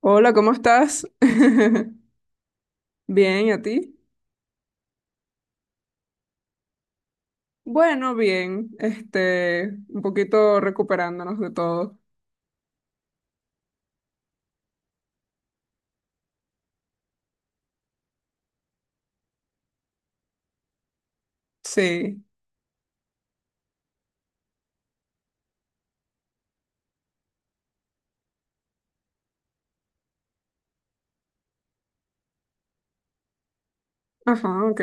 Hola, ¿cómo estás? Bien, ¿y a ti? Bueno, bien, un poquito recuperándonos de todo. Sí, ajá, ok,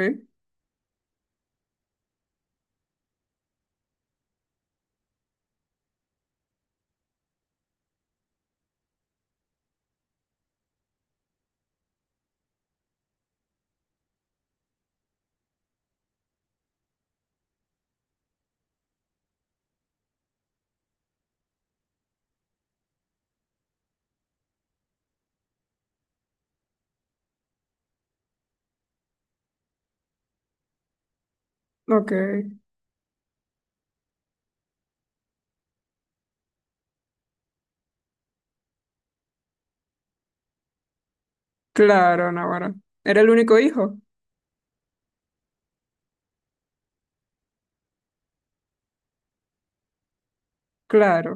ok. Claro, Navarra. ¿Era el único hijo? Claro,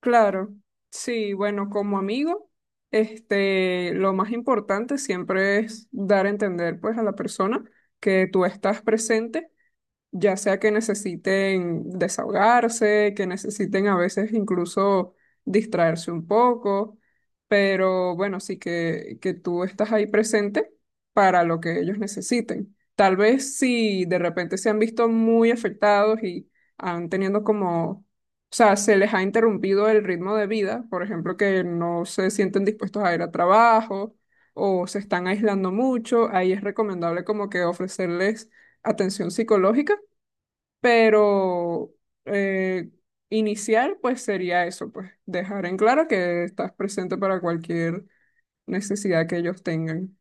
claro. Sí, bueno, como amigo, lo más importante siempre es dar a entender, pues, a la persona que tú estás presente, ya sea que necesiten desahogarse, que necesiten a veces incluso distraerse un poco, pero bueno, sí que, tú estás ahí presente para lo que ellos necesiten. Tal vez si de repente se han visto muy afectados y han tenido como, o sea, se les ha interrumpido el ritmo de vida, por ejemplo, que no se sienten dispuestos a ir a trabajo o se están aislando mucho, ahí es recomendable como que ofrecerles atención psicológica, pero eh, iniciar, pues sería eso, pues dejar en claro que estás presente para cualquier necesidad que ellos tengan.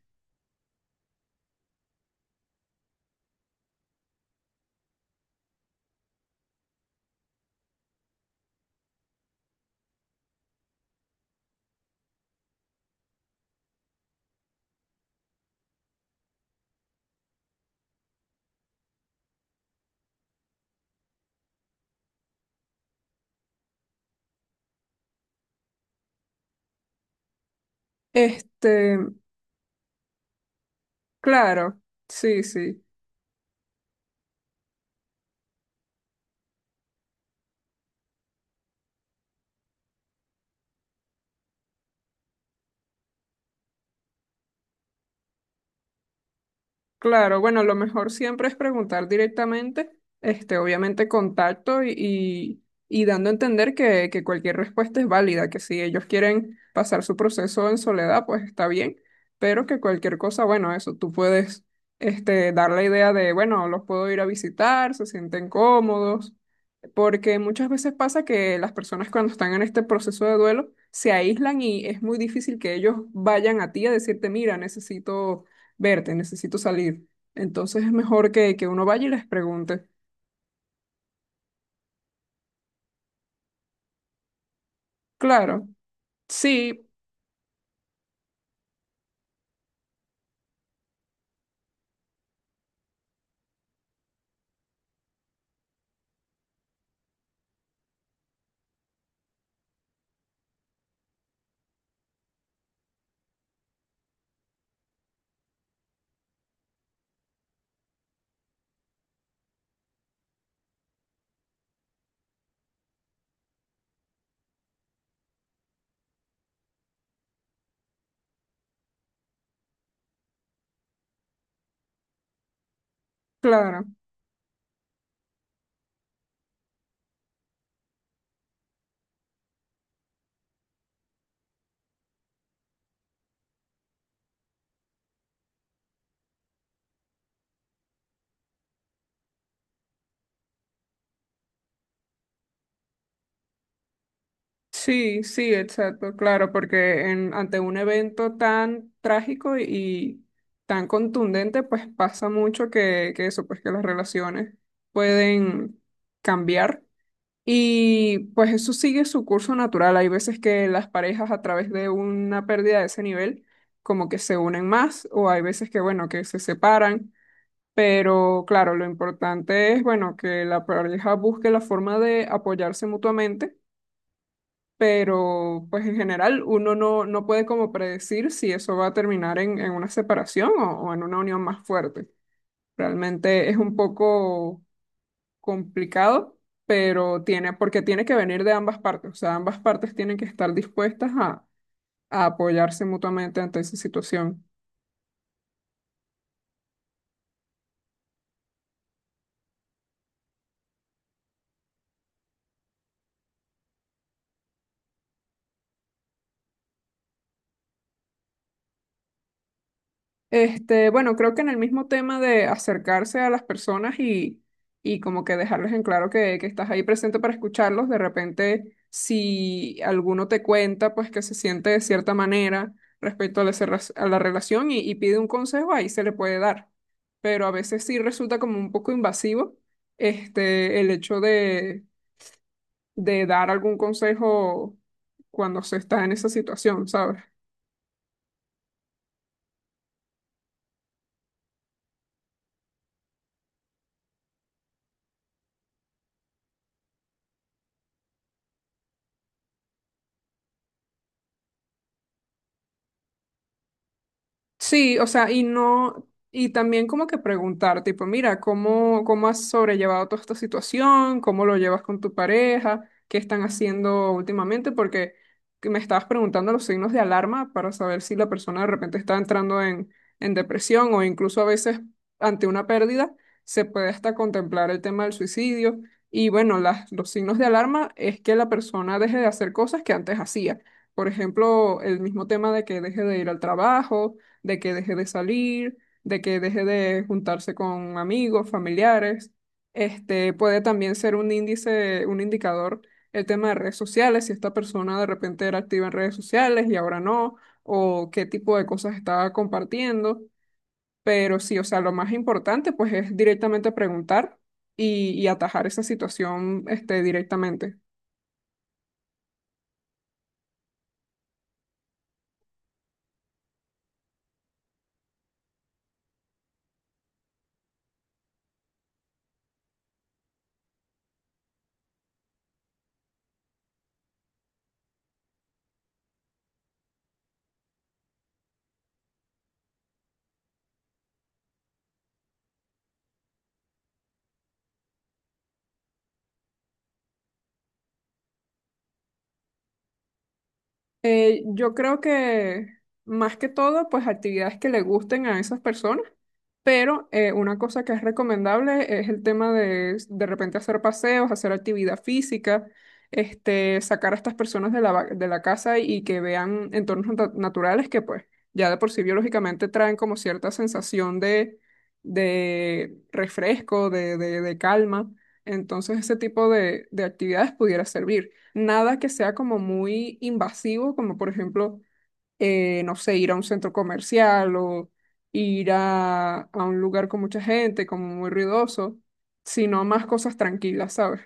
Este, claro, sí, sí. Claro, bueno, lo mejor siempre es preguntar directamente, obviamente contacto y dando a entender que, cualquier respuesta es válida, que si ellos quieren pasar su proceso en soledad, pues está bien, pero que cualquier cosa, bueno, eso, tú puedes, dar la idea de, bueno, los puedo ir a visitar, se sienten cómodos, porque muchas veces pasa que las personas cuando están en este proceso de duelo se aíslan y es muy difícil que ellos vayan a ti a decirte, mira, necesito verte, necesito salir. Entonces es mejor que, uno vaya y les pregunte. Claro, sí, claro, sí, sí, exacto, claro, porque en, ante un evento tan trágico y tan contundente, pues pasa mucho que, eso, pues que las relaciones pueden cambiar. Y pues eso sigue su curso natural. Hay veces que las parejas a través de una pérdida de ese nivel como que se unen más, o hay veces que, bueno, que se separan. Pero claro, lo importante es, bueno, que la pareja busque la forma de apoyarse mutuamente, pero pues en general uno no, puede como predecir si eso va a terminar en una separación o en una unión más fuerte. Realmente es un poco complicado, pero tiene, porque tiene que venir de ambas partes, o sea, ambas partes tienen que estar dispuestas a apoyarse mutuamente ante esa situación. Bueno, creo que en el mismo tema de acercarse a las personas y como que dejarles en claro que, estás ahí presente para escucharlos, de repente si alguno te cuenta, pues que se siente de cierta manera respecto a la, cerra- a la relación y pide un consejo, ahí se le puede dar. Pero a veces sí resulta como un poco invasivo, el hecho de dar algún consejo cuando se está en esa situación, ¿sabes? Sí, o sea, y no, y también como que preguntar, tipo, mira, ¿cómo, has sobrellevado toda esta situación? ¿Cómo lo llevas con tu pareja? ¿Qué están haciendo últimamente? Porque que me estabas preguntando los signos de alarma para saber si la persona de repente está entrando en depresión o incluso a veces ante una pérdida se puede hasta contemplar el tema del suicidio. Y bueno, las, los signos de alarma es que la persona deje de hacer cosas que antes hacía. Por ejemplo, el mismo tema de que deje de ir al trabajo, de que deje de salir, de que deje de juntarse con amigos, familiares. Este puede también ser un índice, un indicador, el tema de redes sociales, si esta persona de repente era activa en redes sociales y ahora no, o qué tipo de cosas estaba compartiendo. Pero sí, o sea, lo más importante pues es directamente preguntar y atajar esa situación, directamente. Yo creo que más que todo, pues actividades que le gusten a esas personas. Pero una cosa que es recomendable es el tema de repente hacer paseos, hacer actividad física, sacar a estas personas de la, va- de la casa y que vean entornos nat- naturales, que pues ya de por sí biológicamente traen como cierta sensación de refresco, de calma. Entonces ese tipo de actividades pudiera servir. Nada que sea como muy invasivo, como por ejemplo no sé, ir a un centro comercial o ir a un lugar con mucha gente, como muy ruidoso, sino más cosas tranquilas, ¿sabes?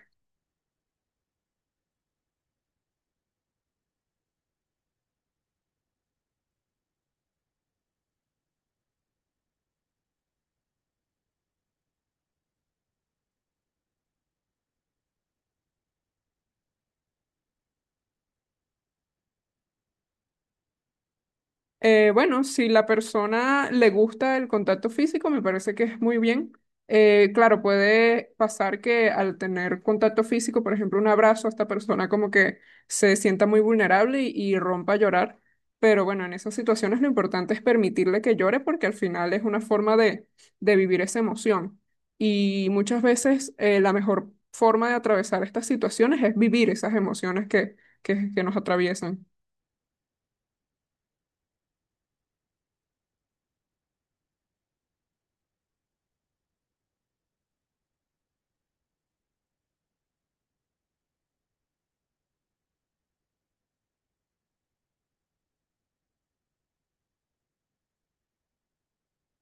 Bueno, si la persona le gusta el contacto físico, me parece que es muy bien. Claro, puede pasar que al tener contacto físico, por ejemplo, un abrazo, esta persona como que se sienta muy vulnerable y rompa a llorar. Pero bueno, en esas situaciones lo importante es permitirle que llore porque al final es una forma de vivir esa emoción. Y muchas veces la mejor forma de atravesar estas situaciones es vivir esas emociones que, nos atraviesan.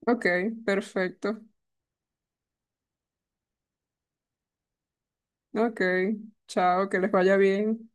Ok, perfecto. Ok, chao, que les vaya bien.